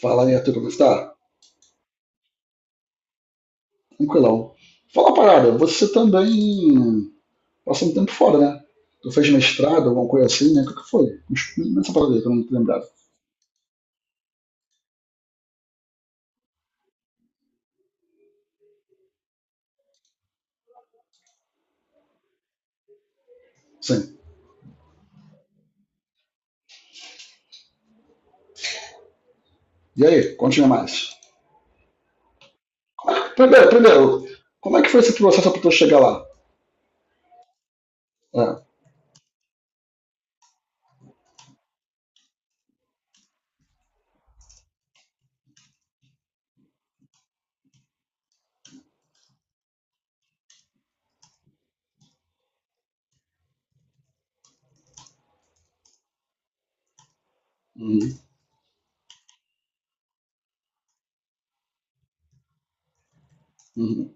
Fala aí, Arthur, como está? Tranquilão. Fala uma parada, você também passou um tempo fora, né? Tu fez mestrado, alguma coisa assim, né? O que que foi? Me explica essa parada aí, que eu não tô lembrado. Sim. E aí, conte mais. Primeiro, como é que foi esse processo para tu chegar lá? É. Uhum, uhum,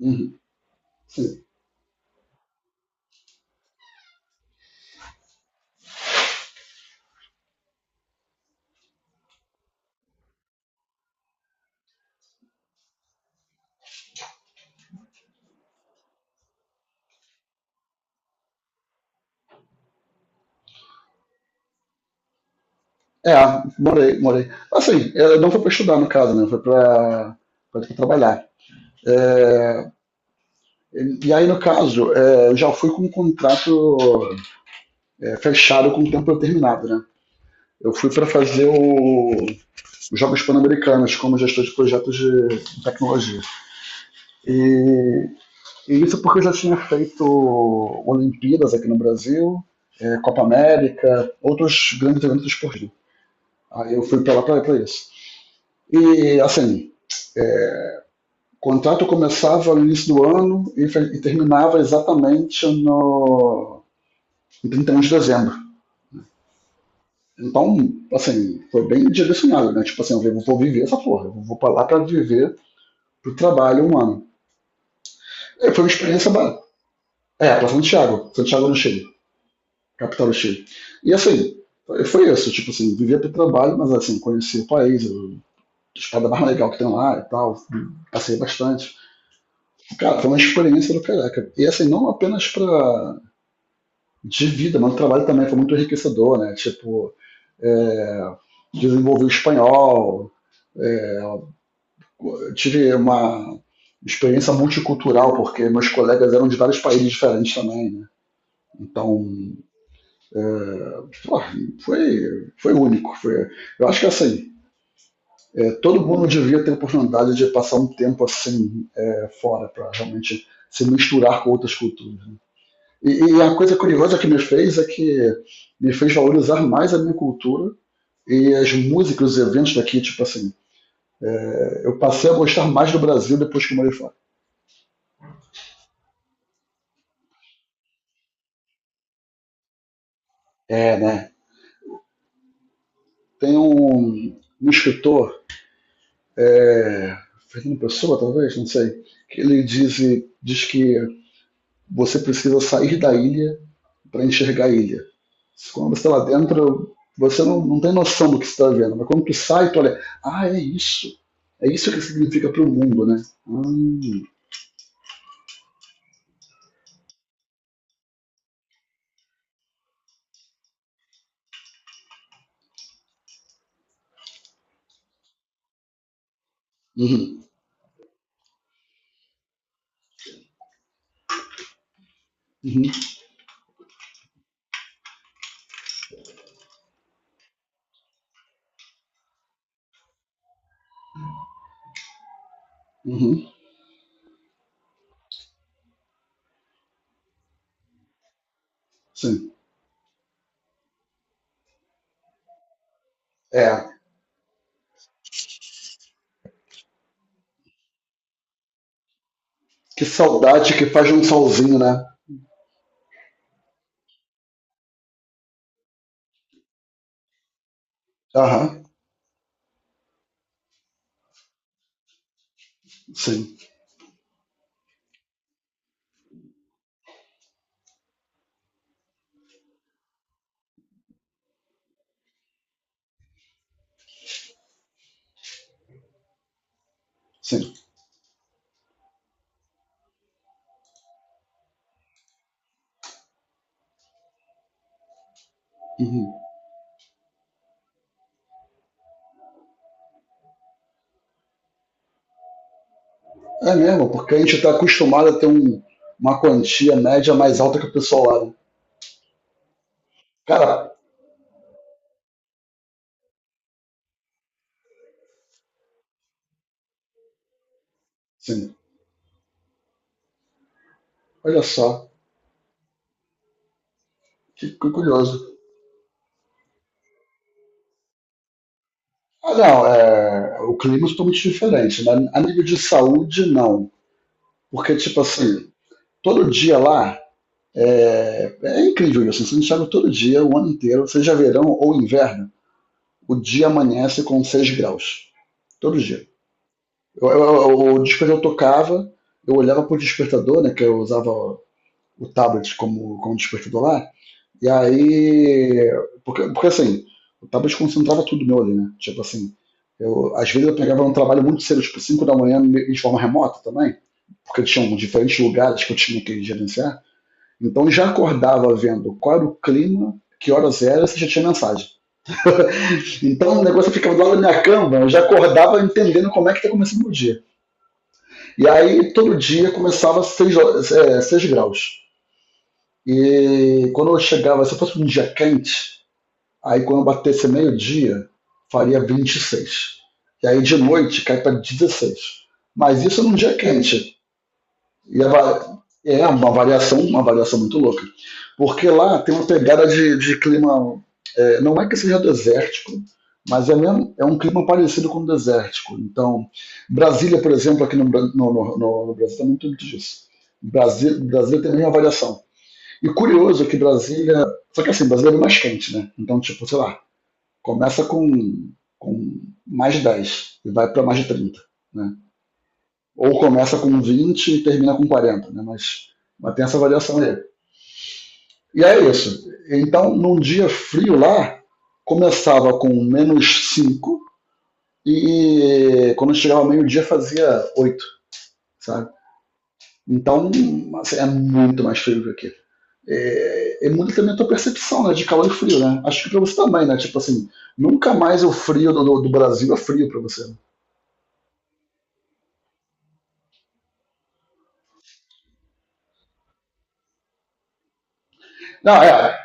uhum. Sim. É, morei, morei. Assim, eu não foi para estudar, no caso, né? Foi para trabalhar. É, e aí, no caso, eu já fui com um contrato fechado com o tempo determinado, né? Eu fui para fazer os Jogos Pan-Americanos como gestor de projetos de tecnologia. E, e isso porque eu já tinha feito Olimpíadas aqui no Brasil, Copa América, outros grandes eventos esportivos. Aí eu fui para lá para isso. E, assim, o contrato começava no início do ano e terminava exatamente no em 31 de dezembro. Então, assim, foi bem direcionado, né? Tipo assim, eu vou viver essa porra, eu vou pra lá pra viver pro trabalho um ano. E foi uma experiência ba- É, pra Santiago, Santiago do Chile, capital do Chile. E assim, foi isso, tipo assim, vivia pro trabalho, mas assim, conheci o país, a estado mais legal que tem lá e tal, passei bastante. Cara, foi uma experiência do caraca. E assim, não apenas pra, de vida, mas o trabalho também foi muito enriquecedor, né? Tipo, é, desenvolvi o espanhol, é, eu tive uma experiência multicultural, porque meus colegas eram de vários países diferentes também, né? Então, é, pô, foi único. Foi, eu acho que assim, todo mundo devia ter a oportunidade de passar um tempo assim fora, para realmente se misturar com outras culturas, né? E a coisa curiosa que me fez é que me fez valorizar mais a minha cultura e as músicas, os eventos daqui, tipo assim, eu passei a gostar mais do Brasil depois que eu morei fora. É, né? Tem um escritor, é, Fernando Pessoa, talvez, não sei, que ele diz, que você precisa sair da ilha para enxergar a ilha. Quando você está lá dentro, você não tem noção do que você está vendo, mas quando tu sai, tu olha, ah, é isso. É isso que significa para o mundo, né? Hum. Uhum, uhum, uhum, sim. É, que saudade que faz de um solzinho, né? Aham, sim, sim. Uhum. É mesmo, porque a gente está acostumado a ter uma quantia média mais alta que o pessoal lá, né? Cara, sim, olha só, que curioso. Ah, não, é, o clima é totalmente diferente, né? A nível de saúde, não. Porque, tipo assim, todo dia lá é incrível isso. Você enxerga todo dia, o ano inteiro, seja verão ou inverno, o dia amanhece com 6 graus. Todo dia. Eu, eu, o despertador tocava, eu olhava pro despertador, né? Que eu usava o tablet como despertador lá. E aí. Porque assim, eu tava desconcentrava tudo meu ali, né? Tipo assim, às vezes eu pegava um trabalho muito cedo, tipo 5 da manhã, de forma remota também, porque tinham diferentes lugares que eu tinha que gerenciar. Então eu já acordava vendo qual era o clima, que horas era, se já tinha mensagem. Então o negócio ficava do lado da minha cama, eu já acordava entendendo como é que tá começando o dia. E aí todo dia começava 6, seis graus. E quando eu chegava, se eu fosse um dia quente, aí quando batesse meio-dia, faria 26. E aí de noite cai para 16. Mas isso num dia quente. E é uma variação muito louca. Porque lá tem uma pegada de clima. É, não é que seja desértico, mas é, mesmo, é um clima parecido com o desértico. Então, Brasília, por exemplo, aqui no Brasil, tem muito muito disso. Brasília tem a mesma variação. E curioso que Brasília. Só que assim, Brasília é mais quente, né? Então, tipo, sei lá, começa com, com mais 10 e vai para mais de 30, né? Ou começa com 20 e termina com 40, né? Mas, tem essa variação aí. E é isso. Então, num dia frio lá, começava com menos 5 e quando chegava ao meio-dia fazia 8, sabe? Então, assim, é muito mais frio que aqui. É muito também a tua percepção, né, de calor e frio, né? Acho que pra você também, né? Tipo assim, nunca mais o frio do Brasil é frio pra você, né? Não, é,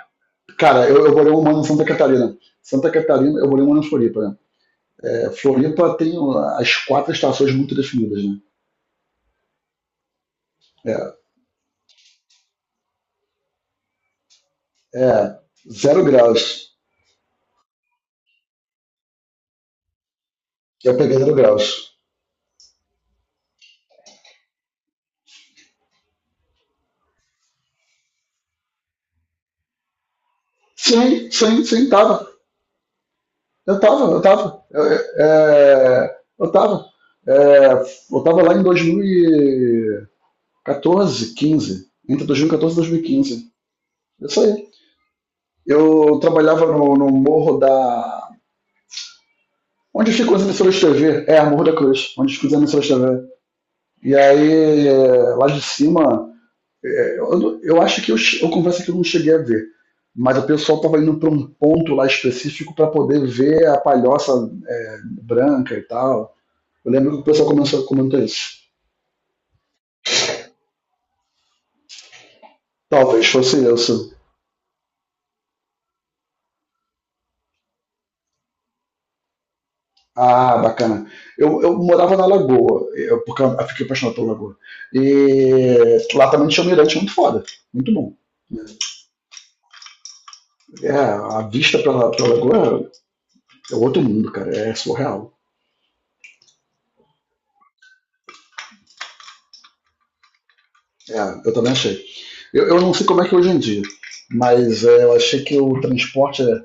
cara, eu morei um ano em Santa Catarina. Santa Catarina, eu morei um ano em Floripa, né? É, Floripa tem as quatro estações muito definidas, né? É, é, 0 graus. Eu peguei 0 graus. Sim, sim, sim, tava. Eu tava, eu tava. Eu tava. É, eu tava lá em 2014, 15. Entre 2014 e 2015. Isso aí. Eu trabalhava no morro da. Onde ficam as emissoras de TV? É, Morro da Cruz, onde ficam as emissoras de TV. E aí, lá de cima, eu acho que eu confesso que eu não cheguei a ver, mas o pessoal estava indo para um ponto lá específico para poder ver a palhoça branca e tal. Eu lembro que o pessoal começou a comentar isso. Talvez fosse isso. Ah, bacana. Eu morava na Lagoa, porque eu fiquei apaixonado pela Lagoa. E lá também tinha um mirante muito foda, muito bom. É, a vista pela Lagoa é outro mundo, cara, é surreal. É, eu também achei. Eu não sei como é que é hoje em dia, mas eu achei que o transporte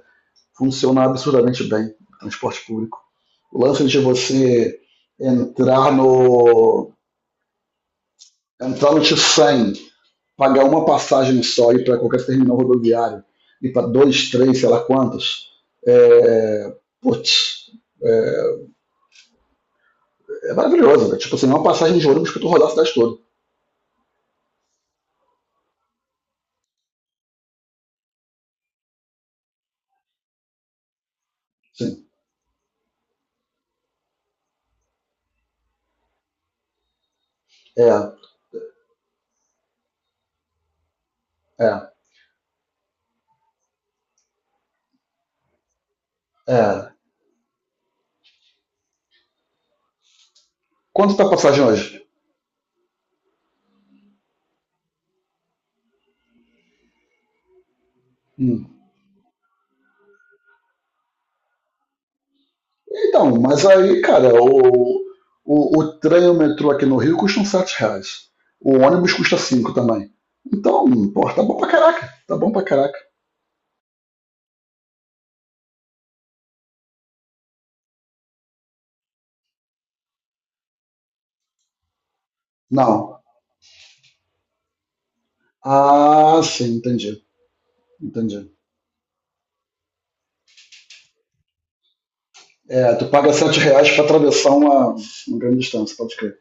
funciona absurdamente bem, o transporte público. O lance de você entrar no entrar no T100, pagar uma passagem só e ir para qualquer terminal rodoviário, ir para dois, três, sei lá quantos, é, putz, é, é maravilhoso, né? Tipo assim, é uma passagem de ônibus para tu rodar a cidade toda. Sim, é, é, é. Quanto tá a passagem hoje? Hum. Então, mas aí, cara, o trem e o metrô aqui no Rio custam R$ 7. O ônibus custa 5 também. Então, pô, tá bom pra caraca. Tá bom pra caraca. Não. Ah, sim, entendi. Entendi. É, tu paga R$ 7 pra atravessar uma grande distância, pode crer.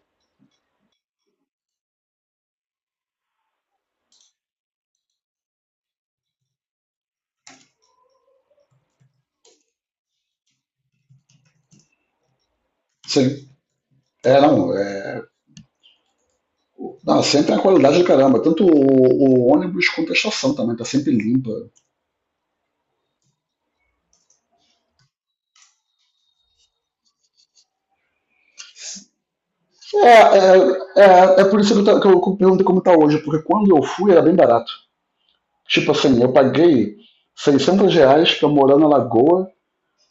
Sim. É. Não, sempre é a qualidade do caramba. Tanto o ônibus quanto a estação também, tá sempre limpa. É, é, é por isso que que eu perguntei como tá hoje, porque quando eu fui era bem barato. Tipo assim, eu paguei 600 reais pra morar na Lagoa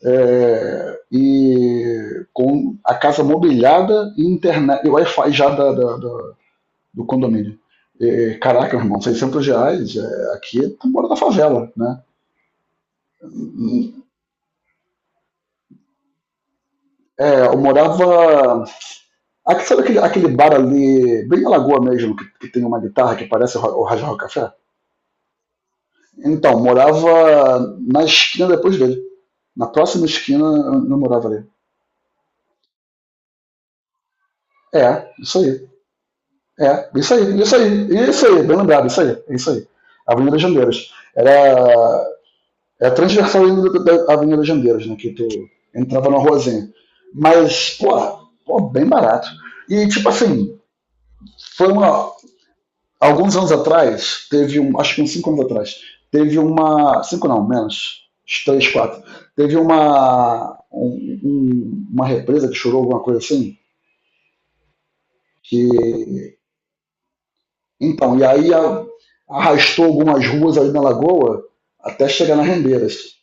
e com a casa mobiliada e internet, e Wi-Fi já do condomínio. E, caraca, meu irmão, 600 reais aqui, tu mora na favela, né? É, eu morava. Aqui, sabe aquele bar ali, bem na lagoa mesmo, que tem uma guitarra que parece o Rajá Café? Então, morava na esquina depois dele. Na próxima esquina eu morava ali. É, isso aí. É, isso aí, isso aí, isso aí, bem lembrado, isso aí, isso aí. Avenida Jandeiras. Era é a transversal da Avenida Jandeiras, né? Que tu entrava numa ruazinha. Mas, pô, pô, bem barato. E, tipo assim, foi uma. Alguns anos atrás, teve um. Acho que uns 5 anos atrás, teve uma. Cinco não, menos. Uns 3, 4. Teve uma. Uma represa que chorou, alguma coisa assim, que então, e aí arrastou algumas ruas ali na lagoa até chegar nas Rendeiras.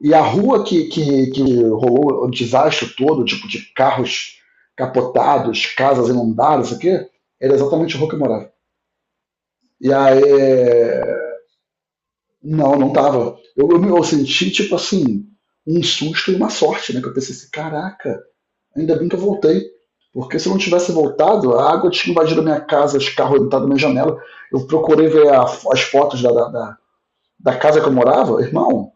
E a rua que rolou o desastre todo, tipo de carros capotados, casas inundadas, isso aqui, era exatamente a rua que eu morava. E aí, é, não, não tava. Eu senti, tipo assim, um susto e uma sorte, né? Que eu pensei assim, caraca, ainda bem que eu voltei. Porque se eu não tivesse voltado, a água tinha invadido a minha casa, os carros entraram na minha janela. Eu procurei ver as fotos casa que eu morava, irmão,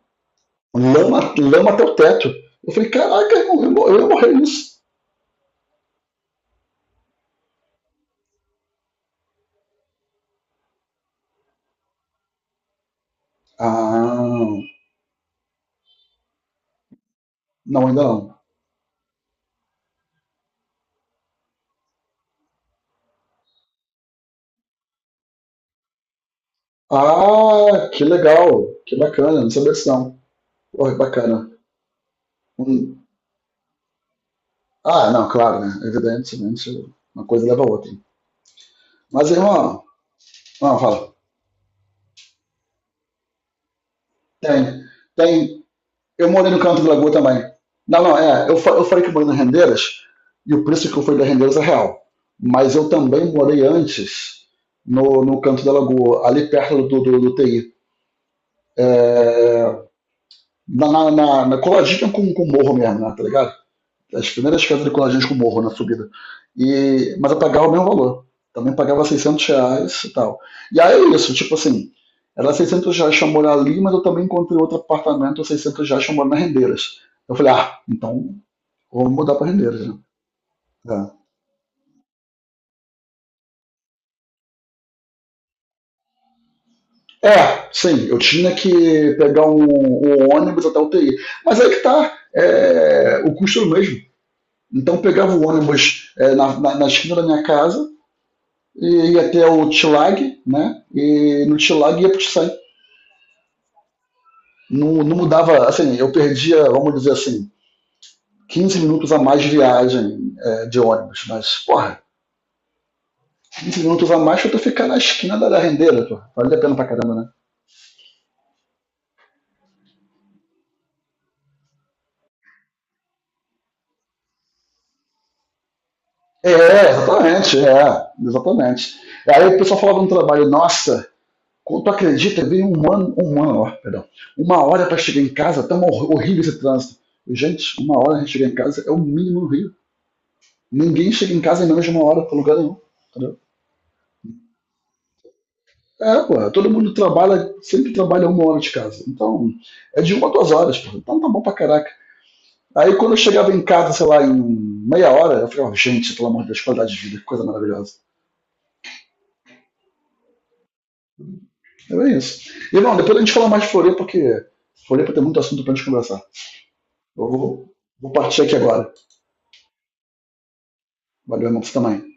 lama, lama até o teto. Eu falei, caraca, irmão, eu ia morrer nisso. Ah, não, ainda não. Ah, que legal, que bacana, não sabia disso não. Porra, que bacana. Hum. Ah, não, claro, né? Evidentemente, uma coisa leva a outra. Mas, irmão, não, fala. Tem, tem, eu morei no canto do Lagoa também. Não, não, é. Eu falei que morei na Rendeiras e o preço que eu fui da Rendeiras é real. Mas eu também morei antes no canto da Lagoa, ali perto do TI. É, na coladinha com o morro mesmo, né, tá ligado? As primeiras quadriculagens com morro na subida. E, mas eu pagava o mesmo valor. Também pagava R$ 600 e tal. E aí é isso, tipo assim, era R$ 600 pra morar ali, mas eu também encontrei outro apartamento, R$ 600 pra morar na Rendeiras. Eu falei, ah, então vou mudar pra Rendeiras, né? É, sim, eu tinha que pegar um ônibus até o TI. Mas aí que tá, o custo era o mesmo. Então eu pegava o ônibus na esquina da minha casa, e ia até o Tilag, né? E no Tilag ia pro Tsan. Não, não mudava, assim, eu perdia, vamos dizer assim, 15 minutos a mais de viagem de ônibus. Mas, porra, 15 minutos a mais pra tu ficar na esquina da rendeira, pô. Vale a pena pra caramba, né? É, exatamente, é, exatamente. Aí o pessoal falava no trabalho, nossa, quando tu acredita, veio um ano, ó, perdão, uma hora pra chegar em casa, horrível esse trânsito. Gente, uma hora a gente chegar em casa é o mínimo no Rio. Ninguém chega em casa em menos de uma hora pra lugar nenhum. Entendeu? É, pô, todo mundo trabalha, sempre trabalha uma hora de casa. Então, é de 1 a 2 horas, pô. Então tá bom pra caraca. Aí quando eu chegava em casa, sei lá, em meia hora, eu ficava, gente, pelo amor de Deus, qualidade de vida, que coisa maravilhosa. É bem isso. E não, depois a gente fala mais de Floripa, porque Floripa tem muito assunto pra gente conversar. Eu vou partir aqui agora. Valeu, irmão, pra você também.